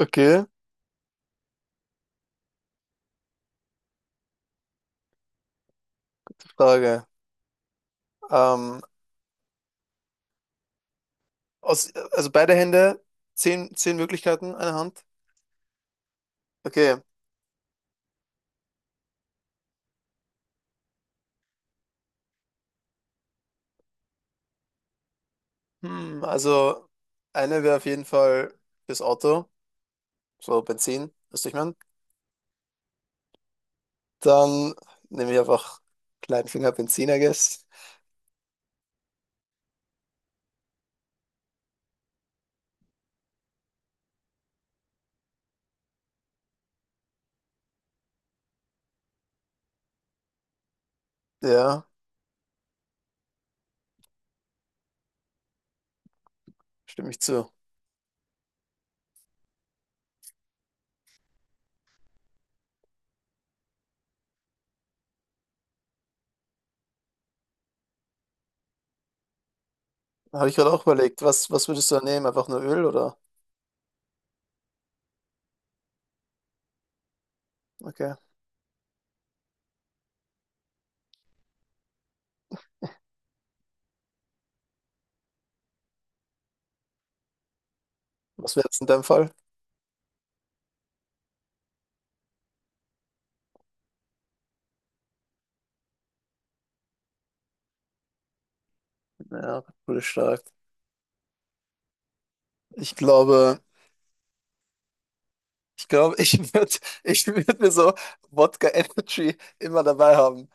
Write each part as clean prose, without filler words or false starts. Okay, Frage. Ähm, aus, also beide Hände, zehn Möglichkeiten, eine Hand. Okay. Hm, also eine wäre auf jeden Fall das Auto, so Benzin, weißt du, ich meine. Dann nehme ich einfach kleinen Finger Benzin, I guess. Ja, stimme ich zu. Habe ich gerade auch überlegt, was würdest du da nehmen? Einfach nur Öl oder? Okay. Was wäre jetzt in deinem Fall? Ja, wurde stark. Ich glaube, ich glaube, ich würde ich würd mir so Wodka Energy immer dabei haben.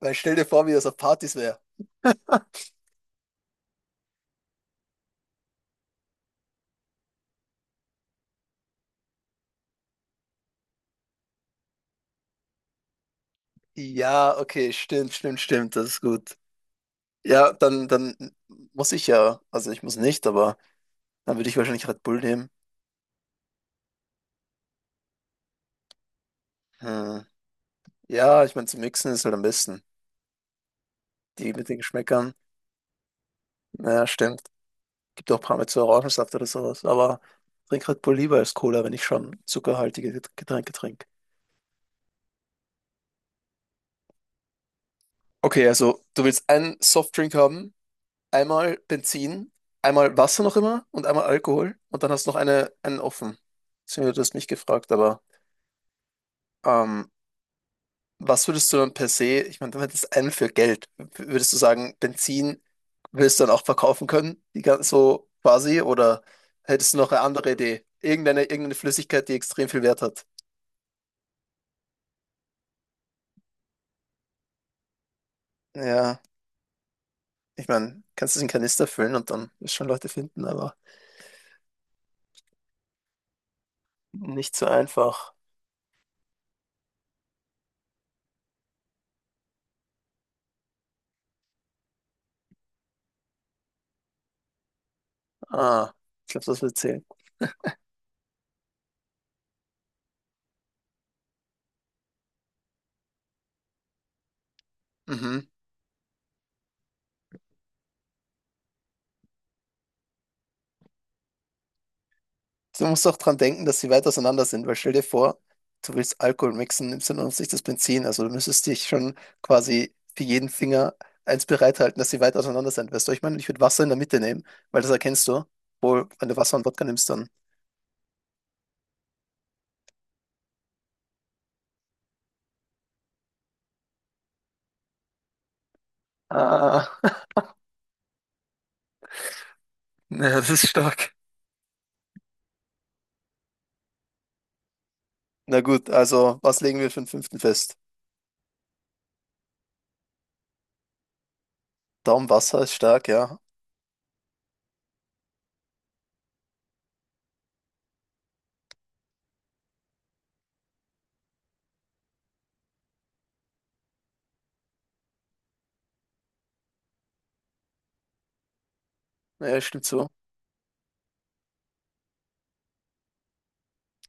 Weil stell dir vor, wie das auf Partys wäre. Ja, okay, stimmt, stimmt, stimmt, das ist gut. Ja, dann muss ich ja, also ich muss nicht, aber dann würde ich wahrscheinlich Red Bull nehmen. Hm. Ja, ich meine, zum Mixen ist halt am besten. Die mit den Geschmäckern, naja, stimmt. Gibt auch paar mit so Orangensaft oder sowas, aber trink Red Bull lieber als Cola, wenn ich schon zuckerhaltige Getränke trinke. Okay, also du willst einen Softdrink haben, einmal Benzin, einmal Wasser noch immer und einmal Alkohol und dann hast du noch eine, einen offen. Beziehungsweise du hast mich gefragt, aber ähm, was würdest du dann per se, ich meine, du hättest einen für Geld. Würdest du sagen, Benzin willst du dann auch verkaufen können, die ganz so quasi, oder hättest du noch eine andere Idee? Irgendeine Flüssigkeit, die extrem viel Wert hat. Ja, ich meine, kannst du es in Kanister füllen und dann wirst du schon Leute finden, aber nicht so einfach. Ah, ich glaube, das wird zählen. Mhm. Du musst auch dran denken, dass sie weit auseinander sind, weil stell dir vor, du willst Alkohol mixen, nimmst dann auf sich das Benzin. Also du müsstest dich schon quasi für jeden Finger eins bereithalten, dass sie weit auseinander sind. Weißt du, ich meine, ich würde Wasser in der Mitte nehmen, weil das erkennst du. Obwohl, wenn du Wasser und Wodka nimmst, dann. Ah. Ja, das ist stark. Na gut, also was legen wir für den fünften fest? Daumen Wasser ist stark, ja. Ja, stimmt zu.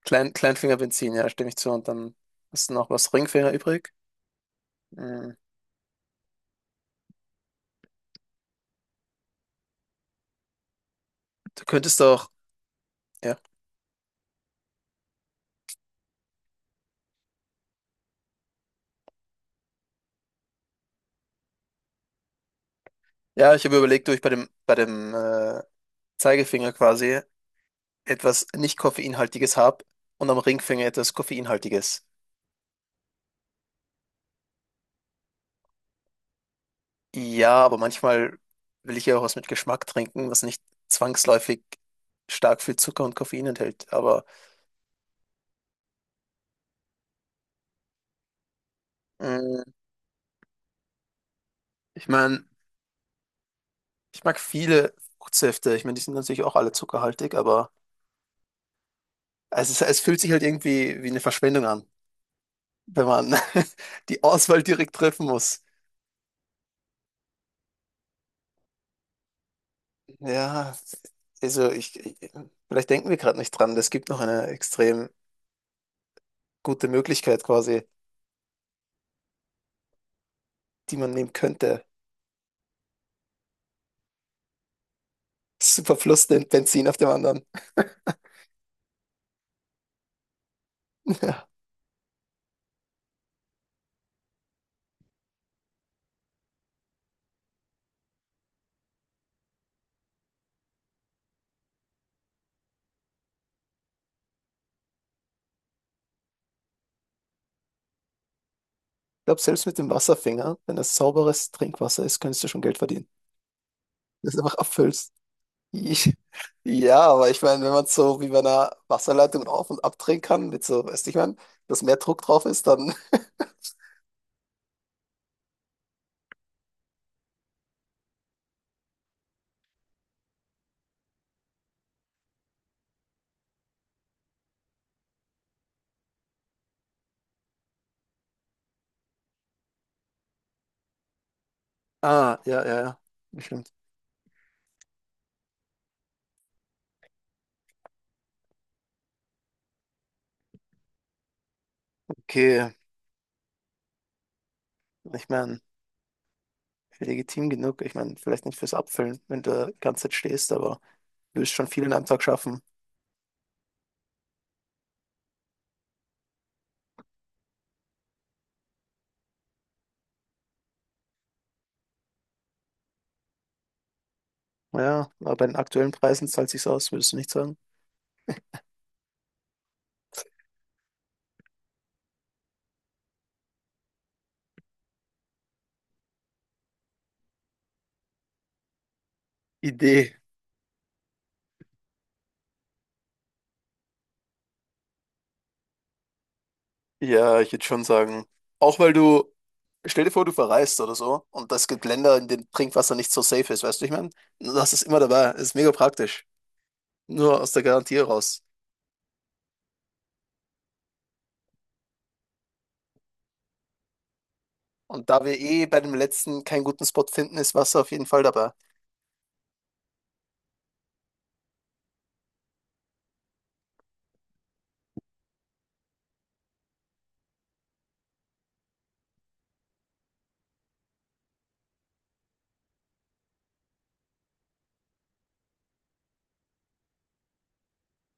Kleinfinger Benzin, ja, stimme ich zu. Und dann hast du noch was Ringfinger übrig. Hm. Du könntest auch. Ja. Ja, ich habe überlegt, ob ich bei dem Zeigefinger quasi etwas nicht koffeinhaltiges habe und am Ringfinger etwas koffeinhaltiges. Ja, aber manchmal will ich ja auch was mit Geschmack trinken, was nicht zwangsläufig stark viel Zucker und Koffein enthält. Aber mh, ich meine, ich mag viele Fruchtsäfte. Ich meine, die sind natürlich auch alle zuckerhaltig, aber es ist, es fühlt sich halt irgendwie wie eine Verschwendung an, wenn man die Auswahl direkt treffen muss. Ja, also ich vielleicht denken wir gerade nicht dran. Es gibt noch eine extrem gute Möglichkeit quasi, die man nehmen könnte. Super Fluss, den Benzin auf dem anderen. Ja. Ich glaube, selbst mit dem Wasserfinger, wenn es sauberes Trinkwasser ist, könntest du schon Geld verdienen. Das ist einfach abfüllst. Ich, ja, aber ich meine, wenn man so wie bei einer Wasserleitung auf- und abdrehen kann, mit so, weißt du, ich meine, dass mehr Druck drauf ist, dann. Ah, ja, ja, ja. Bestimmt. Okay, ich meine, legitim genug. Ich meine, vielleicht nicht fürs Abfüllen, wenn du die ganze Zeit stehst, aber du wirst schon viel in einem Tag schaffen. Ja, aber bei den aktuellen Preisen zahlt sich's aus, würdest du nicht sagen? Idee. Ja, ich würde schon sagen. Auch weil du, stell dir vor, du verreist oder so und es gibt Länder, in denen Trinkwasser nicht so safe ist, weißt du, ich meine? Du hast es immer dabei, es ist mega praktisch. Nur aus der Garantie raus. Und da wir eh bei dem letzten keinen guten Spot finden, ist Wasser auf jeden Fall dabei.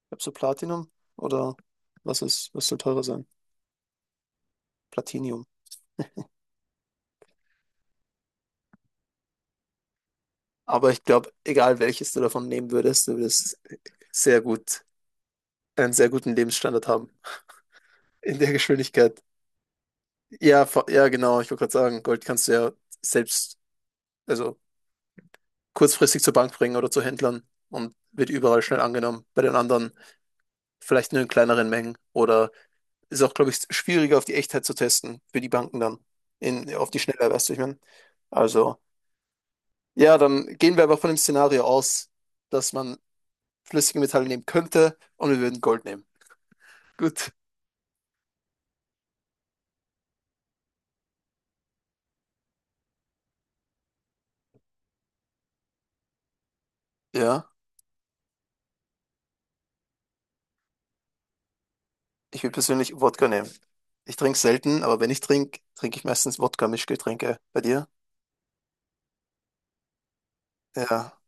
Ich glaube, so Platinum oder was ist, was soll teurer sein? Platinium. Aber ich glaube, egal welches du davon nehmen würdest, du würdest sehr gut, einen sehr guten Lebensstandard haben. In der Geschwindigkeit. Ja, ja, genau. Ich wollte gerade sagen, Gold kannst du ja selbst, also kurzfristig zur Bank bringen oder zu Händlern und wird überall schnell angenommen. Bei den anderen vielleicht nur in kleineren Mengen oder ist auch, glaube ich, schwieriger auf die Echtheit zu testen für die Banken dann. In, auf die Schnelle, weißt du, ich meine. Also, ja, dann gehen wir aber von dem Szenario aus, dass man flüssige Metalle nehmen könnte und wir würden Gold nehmen. Gut. Ja, ich will persönlich Wodka nehmen. Ich trinke selten, aber wenn ich trinke, trinke ich meistens Wodka-Mischgetränke. Bei dir? Ja,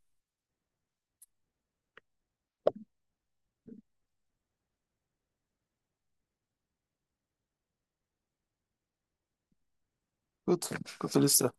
gut, gute Liste.